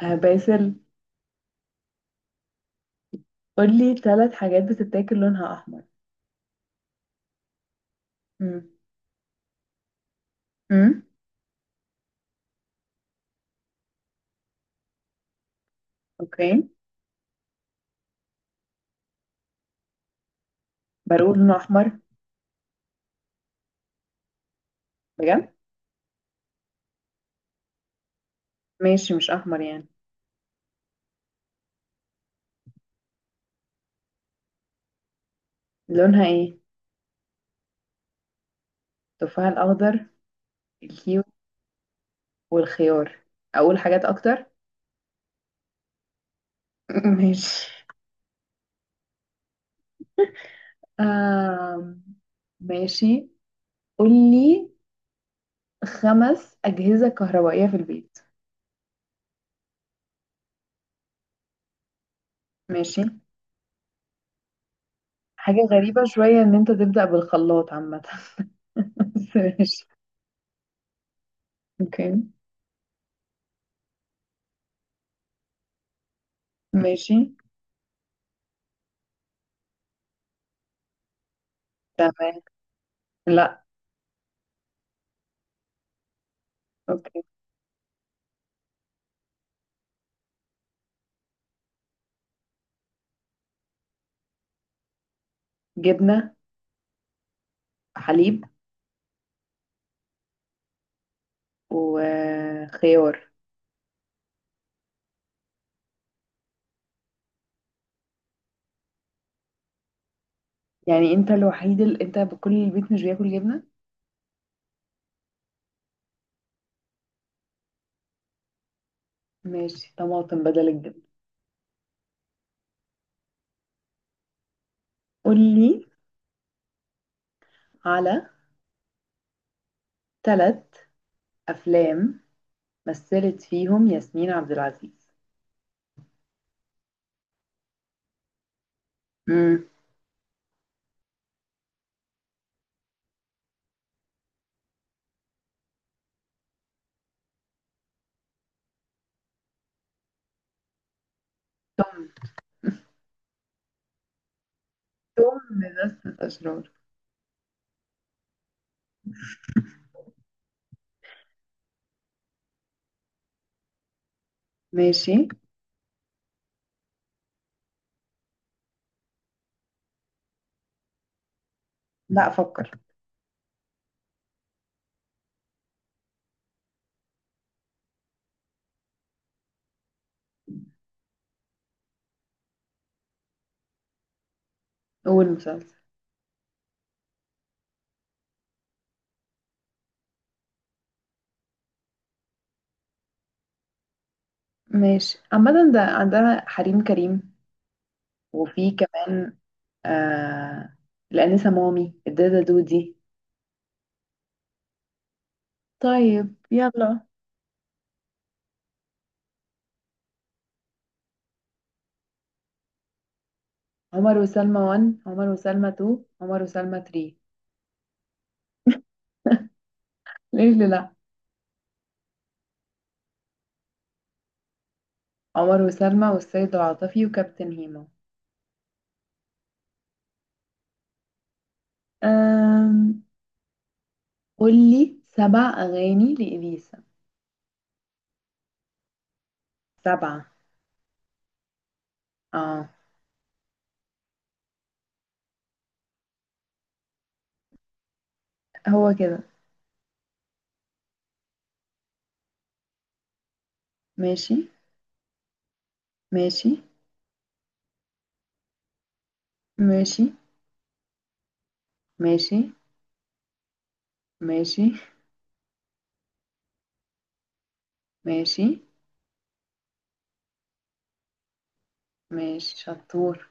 آه باسل. قولي ثلاث حاجات بتتاكل لونها أحمر؟ مم. مم. أوكي. بقول لونه أحمر. بجد. ماشي، مش أحمر يعني. لونها إيه؟ التفاح الأخضر، الكيوي، والخيار. أقول حاجات أكتر؟ ماشي. آم. ماشي. قولي خمس أجهزة كهربائية في البيت. ماشي. حاجة غريبة شوية إن أنت تبدأ بالخلاط عامة. بس ماشي. أوكي. ماشي. تمام. لا. أوكي. جبنة، حليب، وخيار. يعني انت الوحيد اللي انت بكل البيت مش بياكل جبنة؟ ماشي، طماطم بدل الجبنة. قولي على ثلاث افلام مثلت فيهم ياسمين عبد العزيز. امم. ثم لذة اشرار. ماشي. لا، افكر. اول مسلسل. ماشي، عامة ده عندها حريم كريم. وفي كمان. آه. الأنسة مامي، الدادة دودي. طيب يلا. عمر وسلمى 1، عمر وسلمى 2، عمر وسلمى 3. ليه اللي لا؟ عمر وسلمى والسيد العاطفي وكابتن هيما. أم... قولي سبع أغاني لإليسا. سبعة. اه. هو كده. ماشي. ماشي. ماشي. ماشي. ماشي. ماشي. ماشي شطور.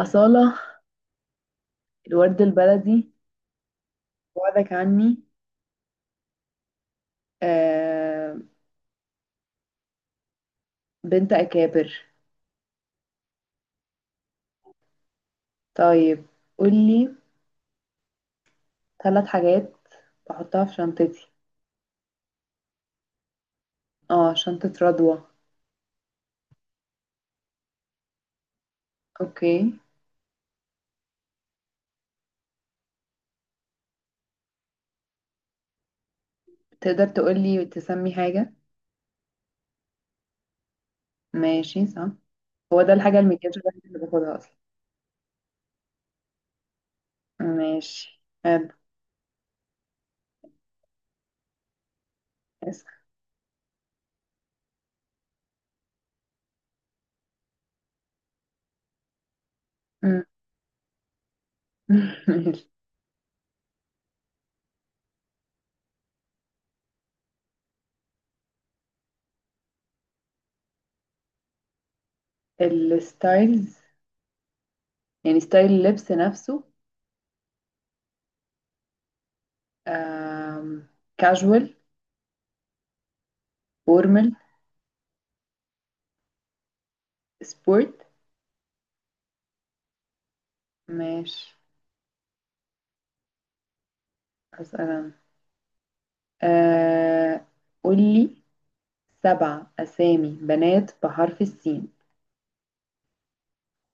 أصالة. الورد البلدي. وعدك عني. آه... بنت أكابر. طيب، قولي ثلاث حاجات بحطها في شنطتي. اه، شنطة رضوى. اوكي. تقدر تقولي تسمي حاجة؟ ماشي صح. هو ده الحاجة المكياج الوحيدة اللي باخدها أصلا. ماشي حلو. اسأل. أمم. ماشي. الستايلز، يعني ستايل اللبس نفسه. آم... كاجوال، فورمال، سبورت. ماشي. أسأل أنا. آه... قولي سبع أسامي بنات بحرف السين.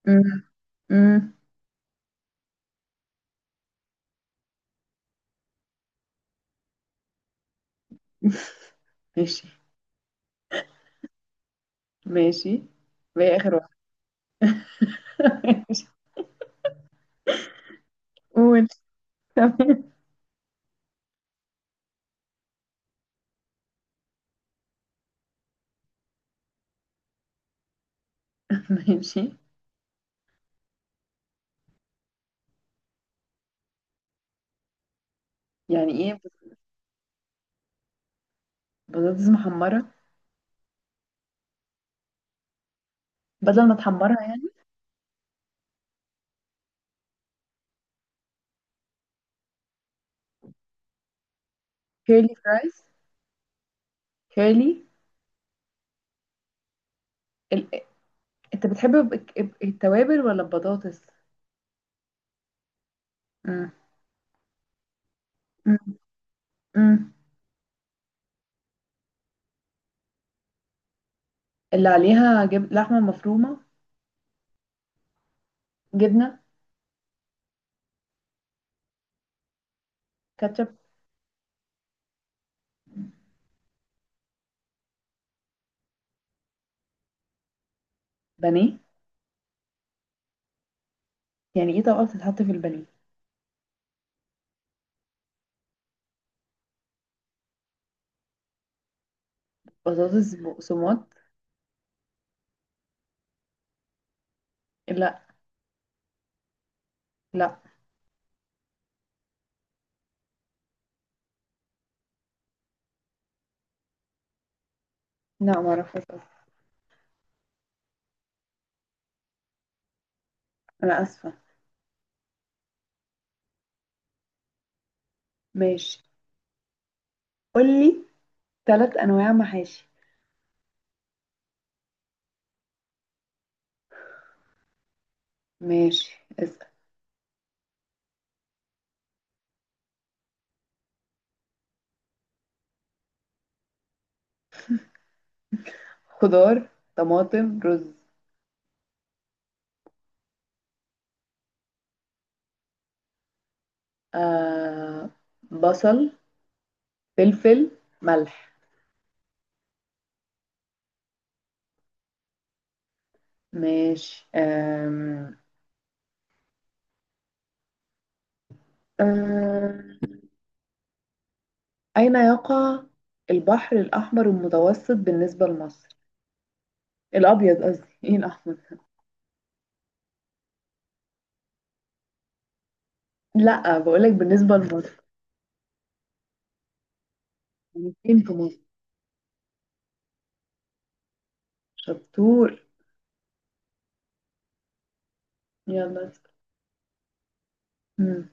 أمم. أمم. ماشي. ماشي، وهي آخر واحدة. ماشي. قول. تمام. ماشي. يعني ايه؟ بطاطس محمرة. بدل ما تحمرها يعني. كيرلي فرايز. كيرلي. ال... انت بتحب التوابل ولا البطاطس؟ مم. مم. مم. اللي عليها لحمة مفرومة. جبنة. كاتشب. بانيه. يعني ايه طبقة بتتحط في البانيه؟ بطاطس بقسماط. لا، لا، لا، معرفش أصلاً. انا اسفة. ماشي. قولي ثلاث انواع محاشي. ماشي اسأل. خضار، طماطم، رز. آه... بصل، فلفل، ملح. ماشي. أم... أين يقع البحر الأحمر المتوسط بالنسبة لمصر؟ الأبيض قصدي، إيه الأحمر؟ لأ، بقولك بالنسبة لمصر. يعني فين في مصر؟ شطور. يلا اسأل. مم.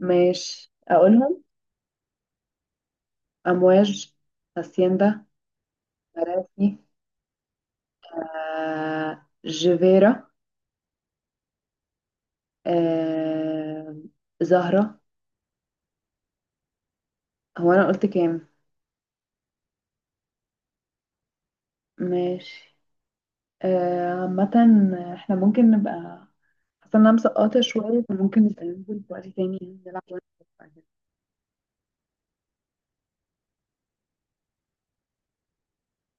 ماشي أقولهم. أمواج، هاسيندا، مراسي، جيفيرا، آه... زهرة. هو أنا قلت كام؟ ماشي. عامة احنا ممكن نبقى. حاسة إن أنا مسقطة شوية فممكن نبقى ننزل في وقت تاني يعني نلعب شوية.